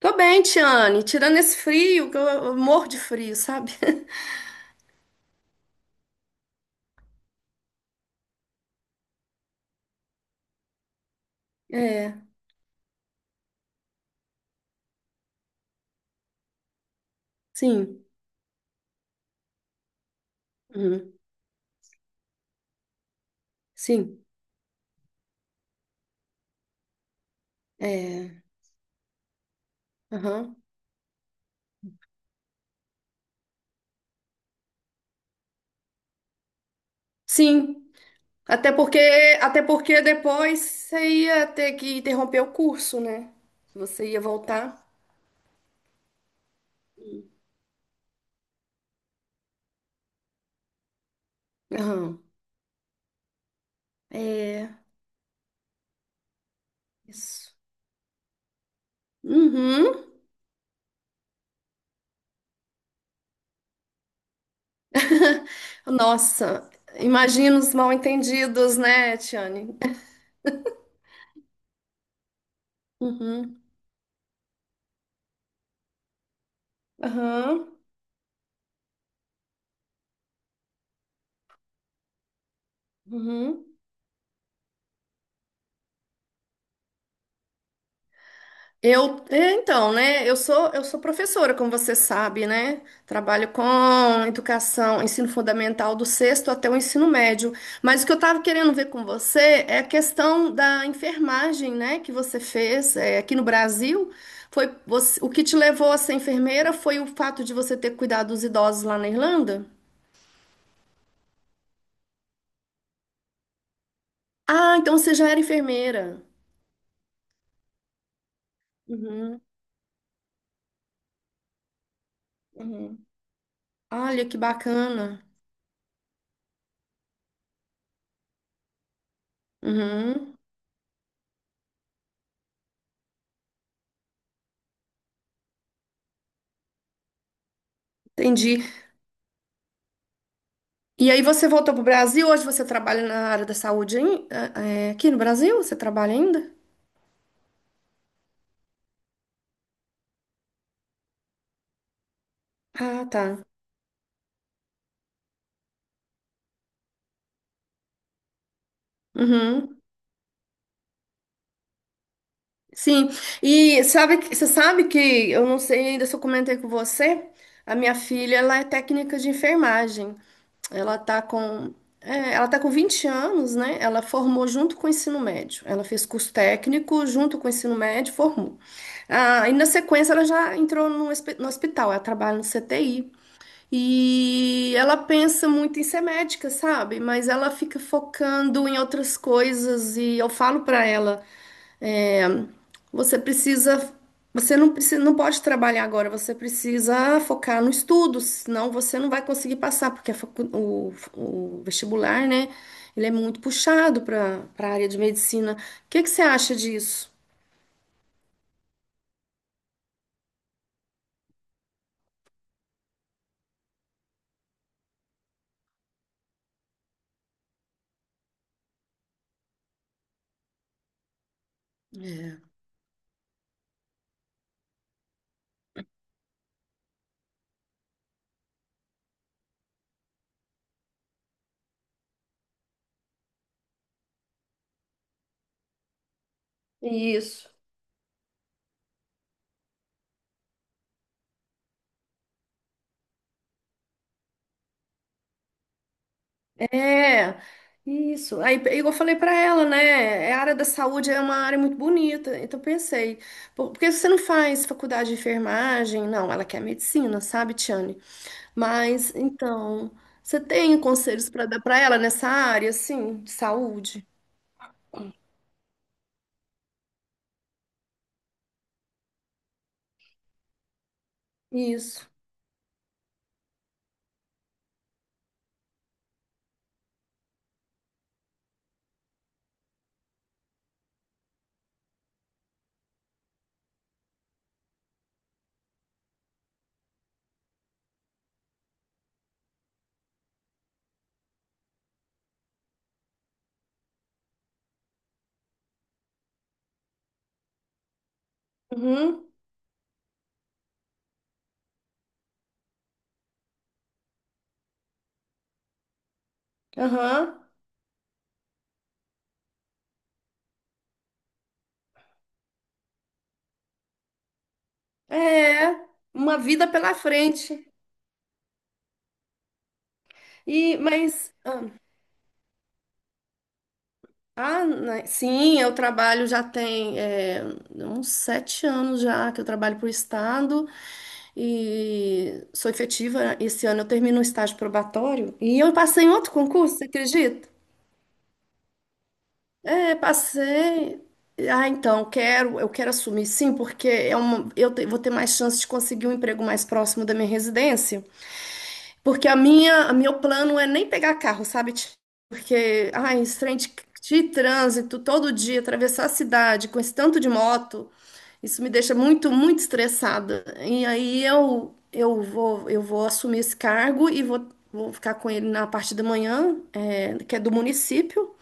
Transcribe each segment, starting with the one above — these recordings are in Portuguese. Tô bem, Tiane. Tirando esse frio, que eu morro de frio, sabe? É, sim. Uhum. Sim. É. Aham. Sim. Até porque, até porque depois você ia ter que interromper o curso, né? Você ia voltar. Aham. É. Isso. Uhum. Nossa, imagina os mal-entendidos, né, Tiane? Uhum. Aham. Uhum. Eu, então, né? Eu sou professora, como você sabe, né? Trabalho com educação, ensino fundamental do sexto até o ensino médio. Mas o que eu estava querendo ver com você é a questão da enfermagem, né? Que você fez, aqui no Brasil. O que te levou a ser enfermeira foi o fato de você ter cuidado dos idosos lá na Irlanda? Ah, então você já era enfermeira. Uhum, uhum. Olha que bacana. Uhum. Entendi. E aí você voltou para o Brasil, hoje você trabalha na área da saúde aqui no Brasil? Você trabalha ainda? Ah, tá. Uhum. Sim. E sabe, você sabe que eu não sei ainda se eu comentei com você, a minha filha, ela é técnica de enfermagem. Ela tá com ela tá com 20 anos, né? Ela formou junto com o ensino médio. Ela fez curso técnico junto com o ensino médio, formou. Ah, e na sequência ela já entrou no hospital, ela trabalha no CTI. E ela pensa muito em ser médica, sabe? Mas ela fica focando em outras coisas e eu falo pra ela, é, você precisa, você não precisa, não pode trabalhar agora, você precisa focar no estudo, senão você não vai conseguir passar, porque o vestibular, né? Ele é muito puxado para a área de medicina. O que que você acha disso? É. Isso. É, isso. Aí, é igual eu falei pra ela, né? A área da saúde é uma área muito bonita. Então, eu pensei, por que você não faz faculdade de enfermagem? Não, ela quer medicina, sabe, Tiane? Mas, então, você tem conselhos pra dar pra ela nessa área, assim, de saúde? Isso. Uhum, aham. É, uma vida pela frente. E, mas. Ah, né, sim, eu trabalho já tem uns 7 anos já que eu trabalho para o Estado e sou efetiva. Esse ano eu termino um estágio probatório e eu passei em outro concurso, você acredita? É, passei. Ah, então, eu quero assumir sim, porque vou ter mais chance de conseguir um emprego mais próximo da minha residência. Porque a meu plano é nem pegar carro, sabe? Ti? Porque, ai, esse trem de trânsito todo dia, atravessar a cidade com esse tanto de moto, isso me deixa muito, muito estressada. E aí eu vou assumir esse cargo e vou ficar com ele na parte da manhã, que é do município,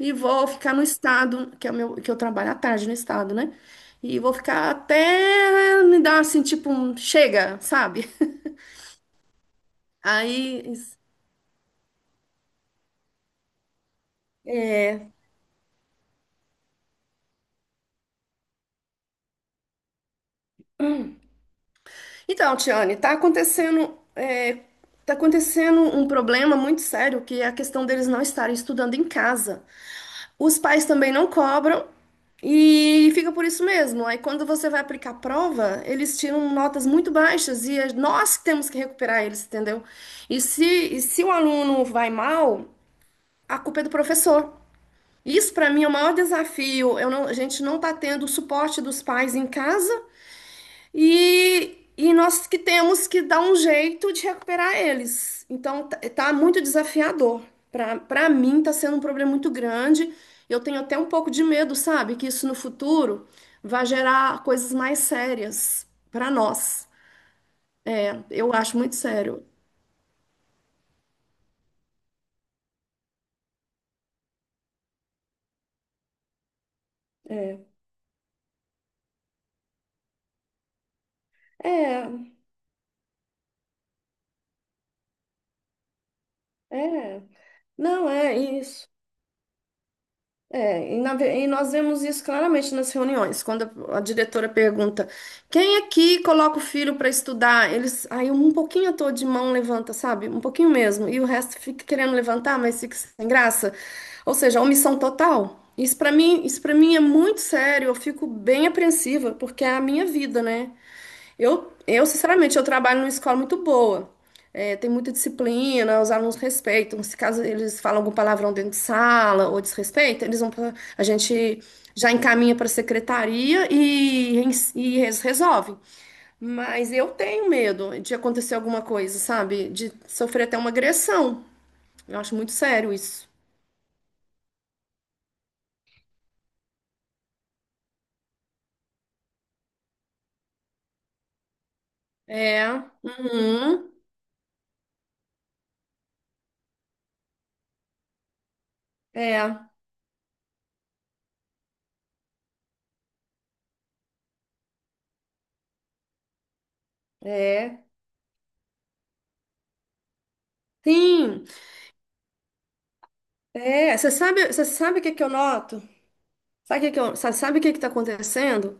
e vou ficar no estado, que é o meu, que eu trabalho à tarde no estado, né? E vou ficar até me dar assim, tipo, um chega, sabe? Aí, então, Tiane, tá acontecendo um problema muito sério, que é a questão deles não estarem estudando em casa. Os pais também não cobram e fica por isso mesmo. Aí, quando você vai aplicar a prova, eles tiram notas muito baixas e é nós que temos que recuperar eles, entendeu? E se, e se o aluno vai mal, a culpa é do professor. Isso, para mim, é o maior desafio. Eu não- A gente não está tendo o suporte dos pais em casa. E nós que temos que dar um jeito de recuperar eles. Então, tá muito desafiador. Para mim, tá sendo um problema muito grande. Eu tenho até um pouco de medo, sabe? Que isso no futuro vai gerar coisas mais sérias para nós. É, eu acho muito sério. É, é, é. Não, é isso. É, e nós vemos isso claramente nas reuniões, quando a diretora pergunta: quem aqui coloca o filho para estudar? Eles, aí um pouquinho à toa de mão levanta, sabe? Um pouquinho mesmo, e o resto fica querendo levantar, mas fica sem graça. Ou seja, omissão total. Isso para mim é muito sério, eu fico bem apreensiva, porque é a minha vida, né? Sinceramente, eu trabalho numa escola muito boa. É, tem muita disciplina, os alunos respeitam. Se caso eles falam algum palavrão dentro de sala ou desrespeito, eles vão pra, a gente já encaminha para a secretaria e, e eles resolvem. Mas eu tenho medo de acontecer alguma coisa, sabe? De sofrer até uma agressão. Eu acho muito sério isso. É, uhum, é, é. Sim. É, você sabe o que que eu noto? Sabe o que está acontecendo?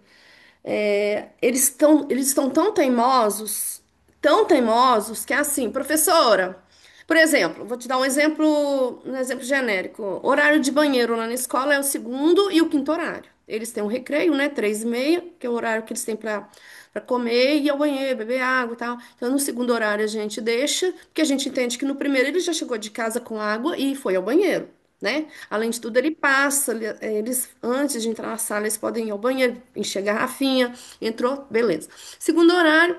É, eles estão tão teimosos, que é assim, professora, por exemplo, vou te dar um exemplo genérico. Horário de banheiro lá na escola é o segundo e o quinto horário. Eles têm um recreio, né? 3:30, que é o horário que eles têm para comer, ir ao banheiro, beber água e tal. Então, no segundo horário a gente deixa, porque a gente entende que no primeiro ele já chegou de casa com água e foi ao banheiro, né? Além de tudo, eles, antes de entrar na sala, eles podem ir ao banheiro, encher a garrafinha, entrou, beleza. Segundo horário,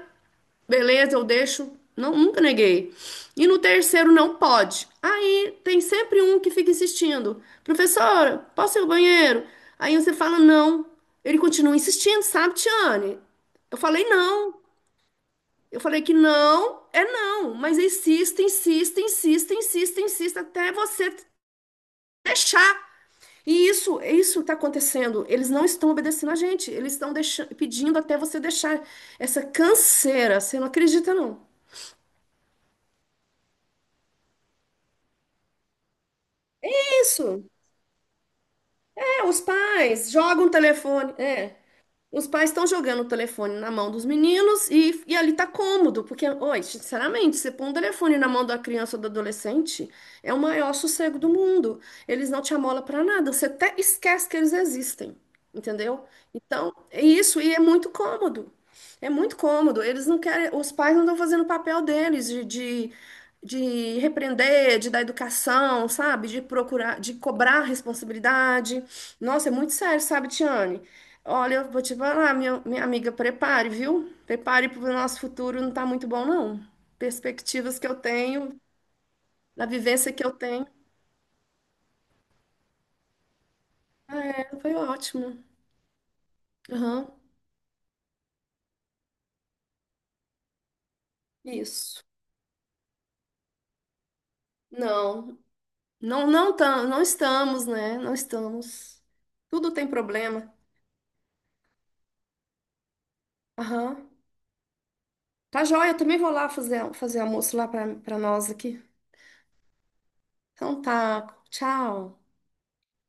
beleza, eu deixo, não, nunca neguei. E no terceiro, não pode. Aí tem sempre um que fica insistindo, professora, posso ir ao banheiro? Aí você fala, não. Ele continua insistindo, sabe, Tiane? Eu falei, não. Eu falei que não é não, mas insista, insista, insista, insista, insista, até você. E isso está acontecendo. Eles não estão obedecendo a gente. Eles estão pedindo até você deixar essa canseira. Você não acredita, não? Isso. É, os pais jogam o telefone. É. Os pais estão jogando o telefone na mão dos meninos e ali tá cômodo, porque, oi, sinceramente, você põe um telefone na mão da criança ou do adolescente, é o maior sossego do mundo. Eles não te amolam pra nada, você até esquece que eles existem, entendeu? Então, é isso, e é muito cômodo. É muito cômodo. Eles não querem, os pais não estão fazendo o papel deles de repreender, de dar educação, sabe? De procurar, de cobrar responsabilidade. Nossa, é muito sério, sabe, Tiane? Olha, eu vou te falar, minha amiga, prepare, viu? Prepare para o nosso futuro, não está muito bom, não. Perspectivas que eu tenho, da vivência que eu tenho, foi ótimo. Aham, isso. Não, não, não, não estamos, né? Não estamos. Tudo tem problema. Aham. Tá joia, eu também vou lá fazer almoço lá para nós aqui. Então tá, tchau.